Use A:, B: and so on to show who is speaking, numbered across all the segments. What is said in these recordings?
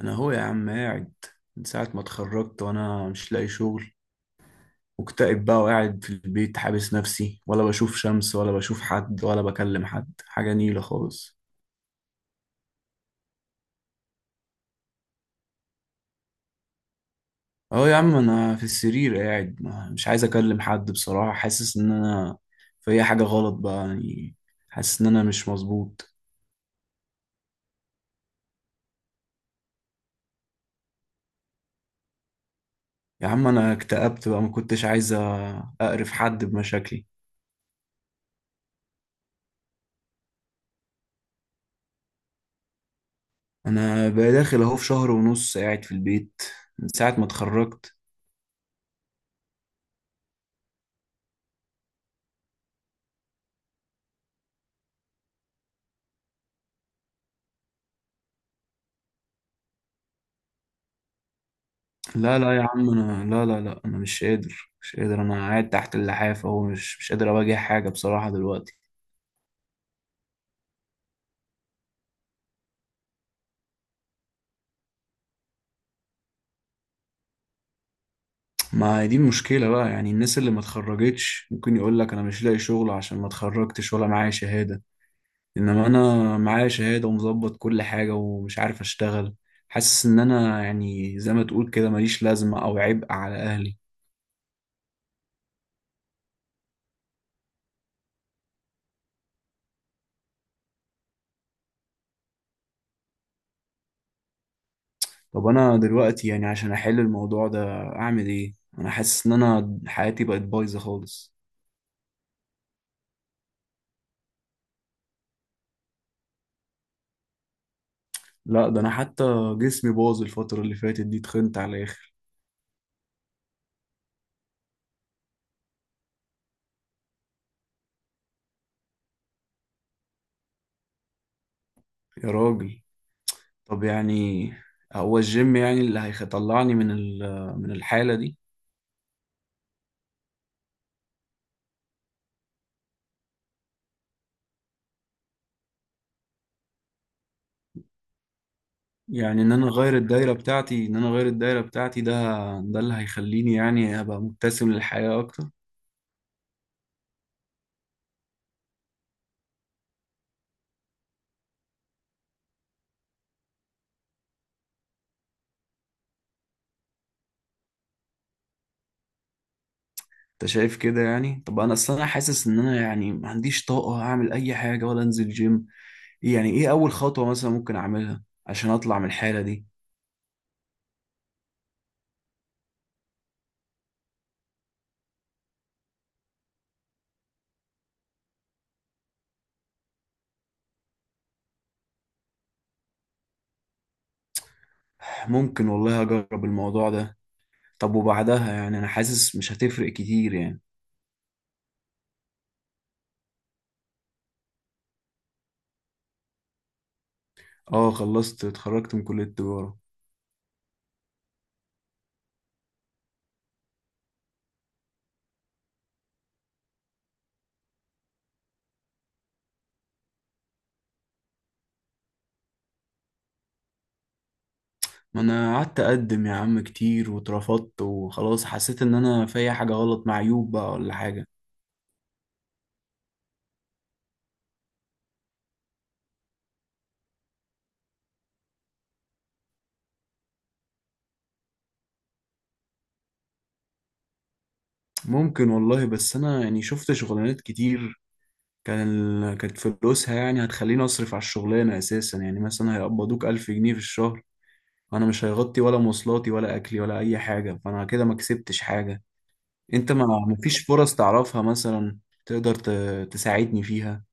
A: انا هو يا عم قاعد. من ساعة ما اتخرجت وانا مش لاقي شغل. مكتئب بقى وقاعد في البيت، حابس نفسي، ولا بشوف شمس ولا بشوف حد ولا بكلم حد، حاجة نيلة خالص. اهو يا عم انا في السرير قاعد، مش عايز اكلم حد بصراحة. حاسس ان انا في حاجة غلط بقى يعني. حاسس ان انا مش مظبوط. يا عم انا اكتئبت بقى، ما كنتش عايز اقرف حد بمشاكلي. انا بقى داخل اهو في شهر ونص قاعد في البيت، من ساعة ما اتخرجت. لا لا يا عم، انا لا لا لا، انا مش قادر مش قادر، انا قاعد تحت اللحاف اهو، مش قادر اواجه حاجه بصراحه دلوقتي. ما هي دي المشكله بقى يعني. الناس اللي ما اتخرجتش ممكن يقول لك انا مش لاقي شغل عشان ما اتخرجتش ولا معايا شهاده، انما انا معايا شهاده ومظبط كل حاجه ومش عارف اشتغل. حاسس ان انا يعني زي ما تقول كده ماليش لازمه او عبء على اهلي. طب انا دلوقتي يعني عشان احل الموضوع ده اعمل ايه؟ انا حاسس ان انا حياتي بقت بايظه خالص. لا ده انا حتى جسمي باظ الفترة اللي فاتت دي، اتخنت على الاخر. يا راجل، طب يعني هو الجيم يعني اللي هيطلعني من من الحالة دي؟ يعني ان انا اغير الدايرة بتاعتي، ان انا اغير الدايرة بتاعتي، ده اللي هيخليني يعني ابقى مبتسم للحياة اكتر؟ انت شايف كده يعني؟ طب انا اصل انا حاسس ان انا يعني ما عنديش طاقة اعمل اي حاجة ولا انزل جيم. يعني ايه اول خطوة مثلا ممكن اعملها عشان اطلع من الحالة دي؟ ممكن والله اجرب الموضوع ده. طب وبعدها يعني انا حاسس مش هتفرق كتير يعني. اه، خلصت، اتخرجت من كلية التجارة. ما انا قعدت اقدم يا عم كتير واترفضت، وخلاص حسيت ان انا في أي حاجة غلط، مع عيوب بقى ولا حاجة. ممكن والله، بس انا يعني شفت شغلانات كتير، كانت فلوسها يعني هتخليني اصرف على الشغلانة اساسا. يعني مثلا هيقبضوك 1000 جنيه في الشهر، وانا مش هيغطي ولا مواصلاتي ولا اكلي ولا اي حاجة، فانا كده ما كسبتش حاجة. انت ما مفيش فرص تعرفها مثلا تقدر تساعدني فيها؟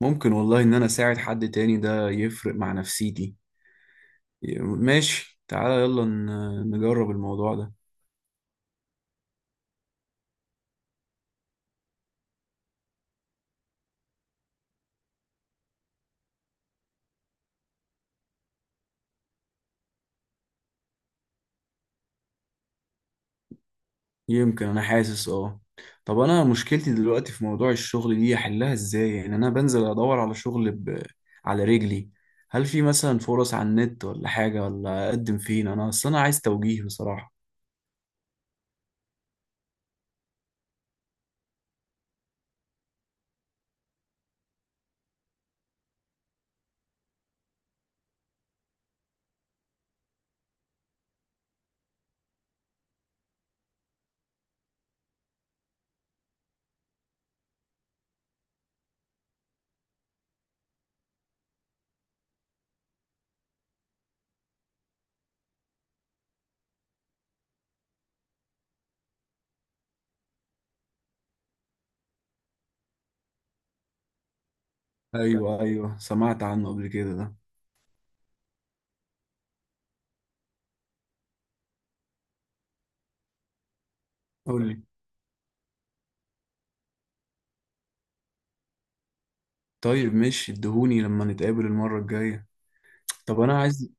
A: ممكن والله ان انا اساعد حد تاني ده يفرق مع نفسيتي. ماشي تعالى يلا نجرب الموضوع ده. يمكن، انا حاسس اه. طب انا مشكلتي دلوقتي في موضوع الشغل دي احلها ازاي؟ يعني انا بنزل ادور على شغل على رجلي. هل في مثلا فرص على النت ولا حاجة؟ ولا اقدم فين؟ انا اصل انا عايز توجيه بصراحة. ايوه، ايوه، سمعت عنه قبل كده ده. قول لي. طيب ماشي، اديهوني لما نتقابل المرة الجاية. طب انا عايز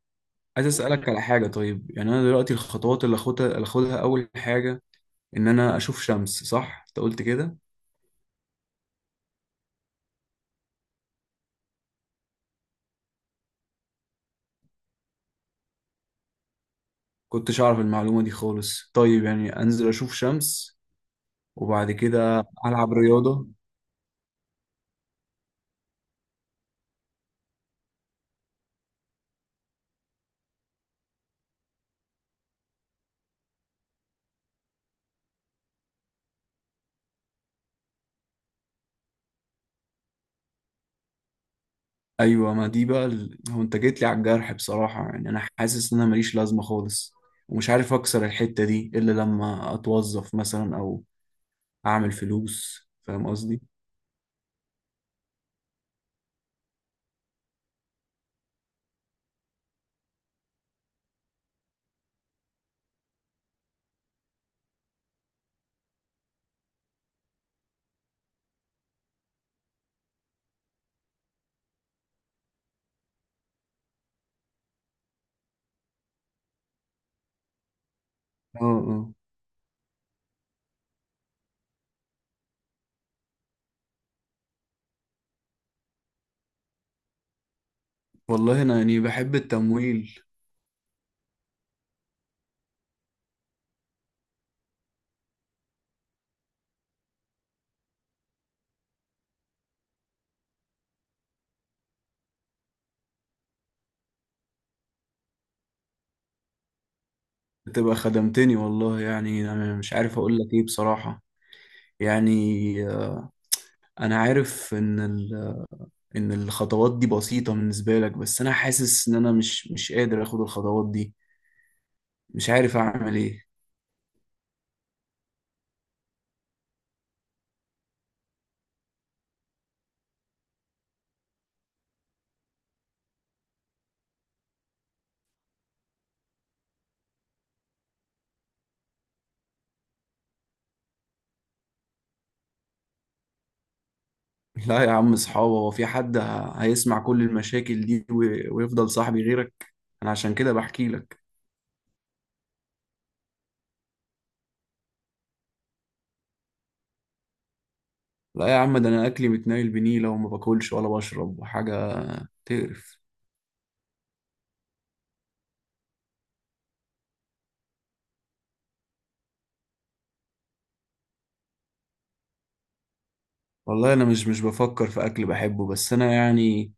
A: عايز اسالك على حاجه. طيب يعني انا دلوقتي الخطوات اللي اخدها، اول حاجه ان انا اشوف شمس، صح؟ انت قلت كده. كنتش اعرف المعلومه دي خالص. طيب يعني انزل اشوف شمس وبعد كده العب رياضه. ايوه، ما دي بقى هو انت جيت لي على الجرح بصراحه. يعني انا حاسس ان انا ماليش لازمه خالص، ومش عارف اكسر الحته دي الا لما اتوظف مثلا او اعمل فلوس، فاهم قصدي؟ اه. اه. والله انا يعني بحب التمويل. بتبقى خدمتني والله، يعني انا مش عارف اقول لك ايه بصراحة. يعني، آه، انا عارف ان ان الخطوات دي بسيطة بالنسبة لك، بس انا حاسس ان انا مش قادر اخد الخطوات دي. مش عارف اعمل ايه. لا يا عم صحابه. هو في حد هيسمع كل المشاكل دي ويفضل صاحبي غيرك؟ انا عشان كده بحكي لك. لا يا عم، ده انا اكلي متنايل بنيلة وما باكلش ولا بشرب وحاجة تقرف. والله انا مش بفكر في اكل بحبه، بس انا يعني،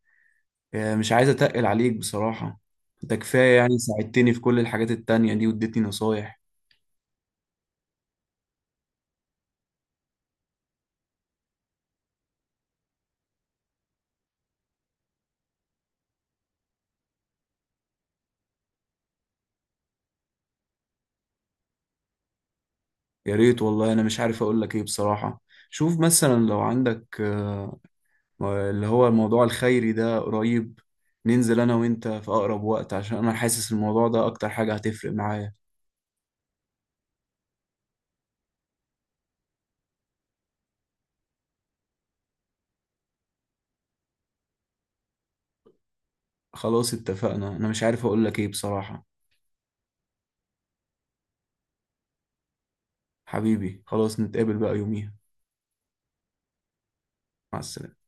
A: مش عايز اتقل عليك بصراحة. انت كفاية يعني ساعدتني في كل الحاجات التانية دي واديتني نصايح. يا ريت والله، انا مش عارف اقول لك ايه بصراحة. شوف مثلا لو عندك، اللي هو الموضوع الخيري ده قريب، ننزل انا وانت في اقرب وقت، عشان انا حاسس الموضوع ده اكتر حاجة هتفرق معايا. خلاص، اتفقنا. انا مش عارف اقول لك ايه بصراحة. حبيبي، خلاص نتقابل بقى يوميها. مع السلامة.